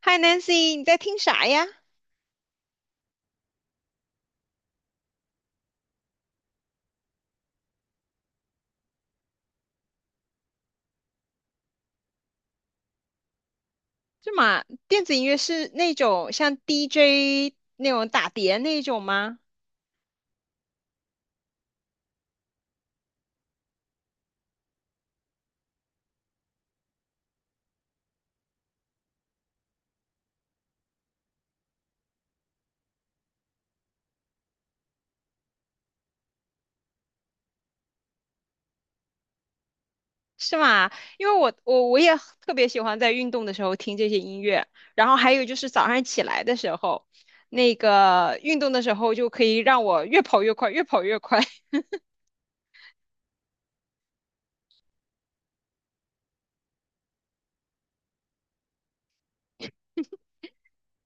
嗨，Nancy，你在听啥呀？这嘛，电子音乐是那种像 DJ 那种打碟那种吗？是吗？因为我也特别喜欢在运动的时候听这些音乐，然后还有就是早上起来的时候，那个运动的时候就可以让我越跑越快，越跑越快。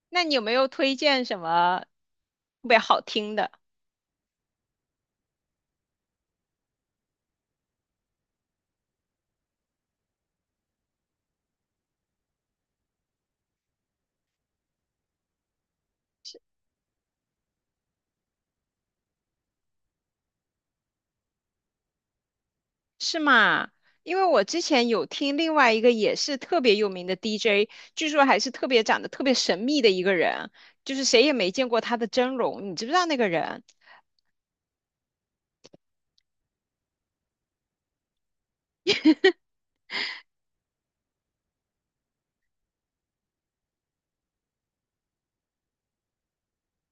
那你有没有推荐什么特别好听的？是吗？因为我之前有听另外一个也是特别有名的 DJ，据说还是特别长得特别神秘的一个人，就是谁也没见过他的真容，你知不知道那个人？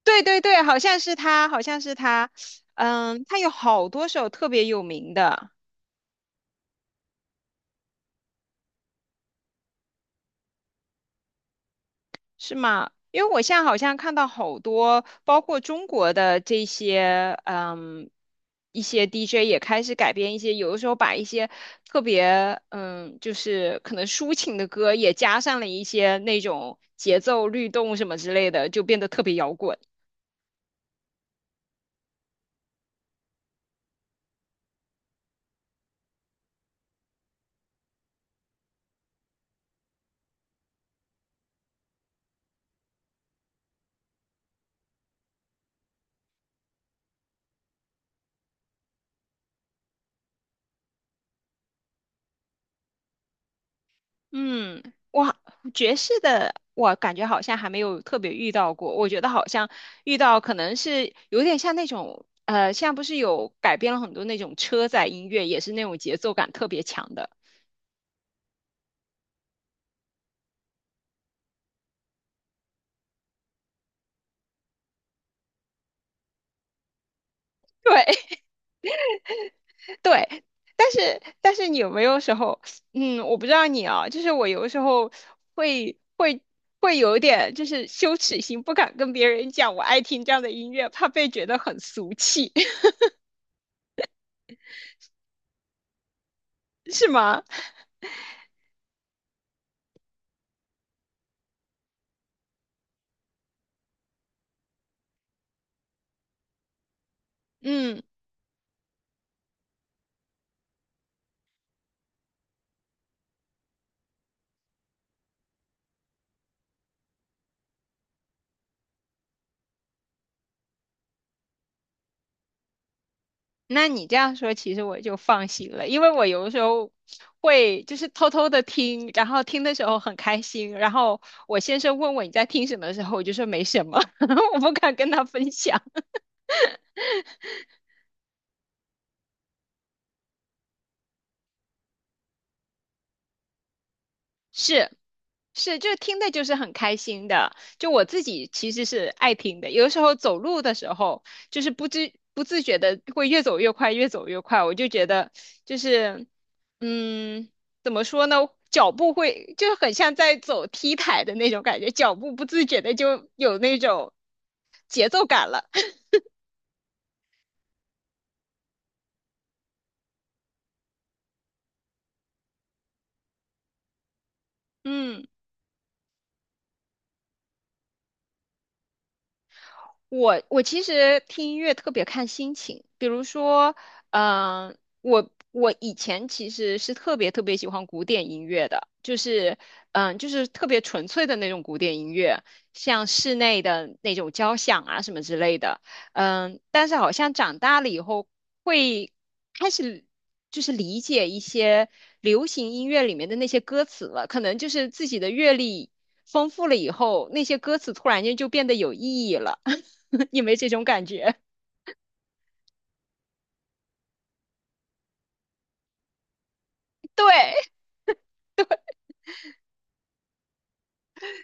对对对，好像是他，好像是他，嗯，他有好多首特别有名的。是吗？因为我现在好像看到好多，包括中国的这些，嗯，一些 DJ 也开始改编一些，有的时候把一些特别，就是可能抒情的歌也加上了一些那种节奏律动什么之类的，就变得特别摇滚。嗯，哇，爵士的我感觉好像还没有特别遇到过。我觉得好像遇到可能是有点像那种，现在不是有改编了很多那种车载音乐，也是那种节奏感特别强的。对 对，但是你有没有时候，嗯，我不知道你啊，就是我有的时候会会会有一点就是羞耻心，不敢跟别人讲我爱听这样的音乐，怕被觉得很俗气，是吗？嗯。那你这样说，其实我就放心了，因为我有的时候会就是偷偷的听，然后听的时候很开心，然后我先生问我你在听什么的时候，我就说没什么，我不敢跟他分享。是，是，就听的就是很开心的。就我自己其实是爱听的，有的时候走路的时候，就是不知不自觉的会越走越快，越走越快。我就觉得就是，嗯，怎么说呢？脚步会就是很像在走 T 台的那种感觉，脚步不自觉的就有那种节奏感了。嗯。我其实听音乐特别看心情，比如说，我以前其实是特别特别喜欢古典音乐的，就是就是特别纯粹的那种古典音乐，像室内的那种交响啊什么之类的，但是好像长大了以后会开始就是理解一些流行音乐里面的那些歌词了，可能就是自己的阅历丰富了以后，那些歌词突然间就变得有意义了。你没这种感觉？对，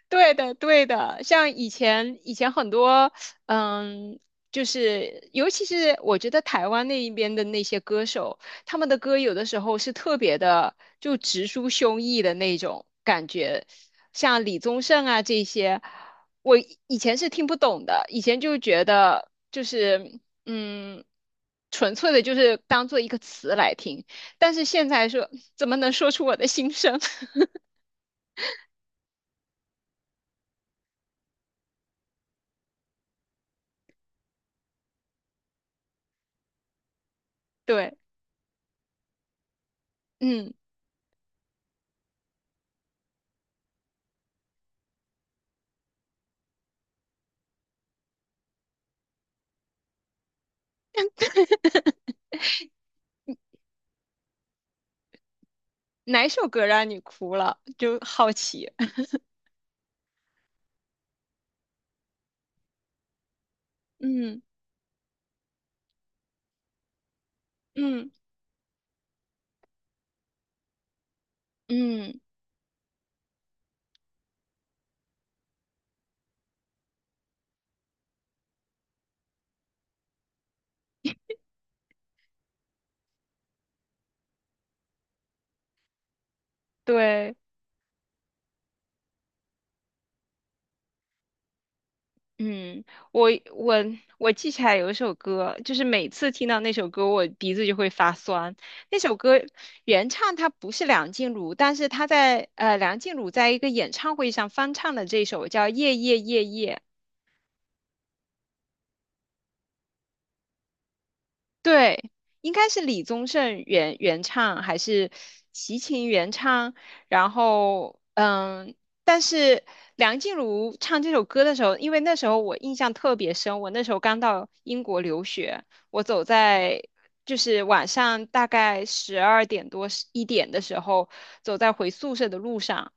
对的，对的，像以前很多，嗯，就是尤其是我觉得台湾那一边的那些歌手，他们的歌有的时候是特别的，就直抒胸臆的那种感觉，像李宗盛啊这些，我以前是听不懂的，以前就觉得就是嗯，纯粹的就是当做一个词来听，但是现在说怎么能说出我的心声？对。嗯，哪首歌让你哭了？就好奇。嗯嗯嗯，对，嗯，我我我记起来有一首歌，就是每次听到那首歌，我鼻子就会发酸。那首歌原唱他不是梁静茹，但是梁静茹在一个演唱会上翻唱的这首叫《夜夜夜夜》。对，应该是李宗盛原唱还是齐秦原唱？然后，但是梁静茹唱这首歌的时候，因为那时候我印象特别深，我那时候刚到英国留学，我走在就是晚上大概12点多一点的时候，走在回宿舍的路上。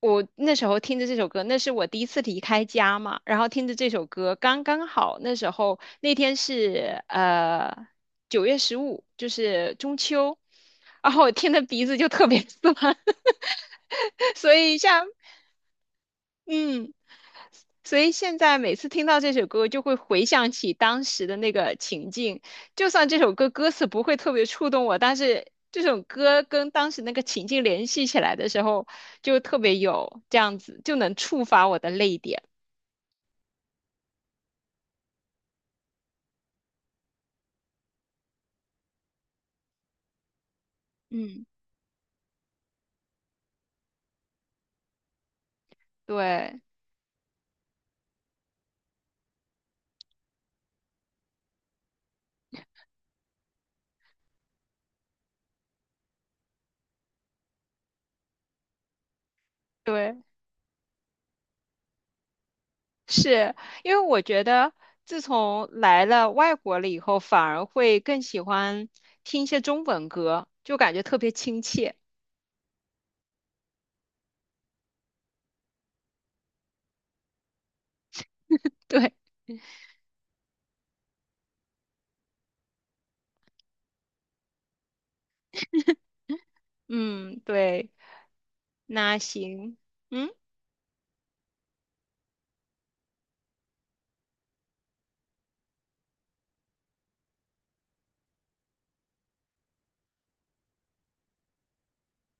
我那时候听着这首歌，那是我第一次离开家嘛，然后听着这首歌，刚刚好那时候那天是9月15，就是中秋，然后我听的鼻子就特别酸，所以嗯。所以现在每次听到这首歌，就会回想起当时的那个情境。就算这首歌歌词不会特别触动我，但是这首歌跟当时那个情境联系起来的时候，就特别有这样子，就能触发我的泪点。嗯对对，是因为我觉得自从来了外国了以后，反而会更喜欢听一些中文歌，就感觉特别亲切。对，嗯，对，那行，嗯。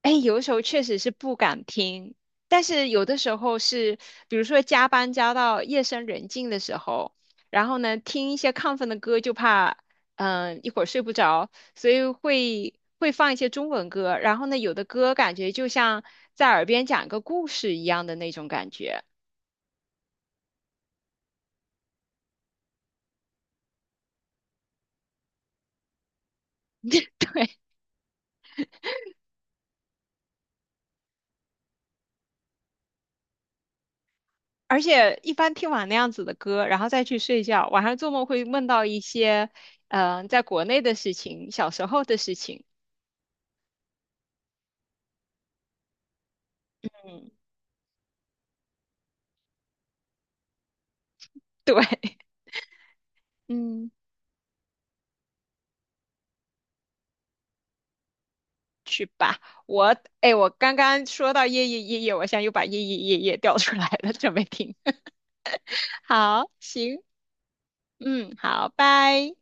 哎，有的时候确实是不敢听，但是有的时候是，比如说加班加到夜深人静的时候，然后呢，听一些亢奋的歌，就怕一会儿睡不着，所以会放一些中文歌，然后呢，有的歌感觉就像在耳边讲一个故事一样的那种感觉，对，而且一般听完那样子的歌，然后再去睡觉，晚上做梦会梦到一些在国内的事情，小时候的事情，嗯，对，嗯。去吧。我，哎，我刚刚说到夜夜夜夜，我现在又把夜夜夜夜调出来了，准备听。好，行，嗯，好，拜。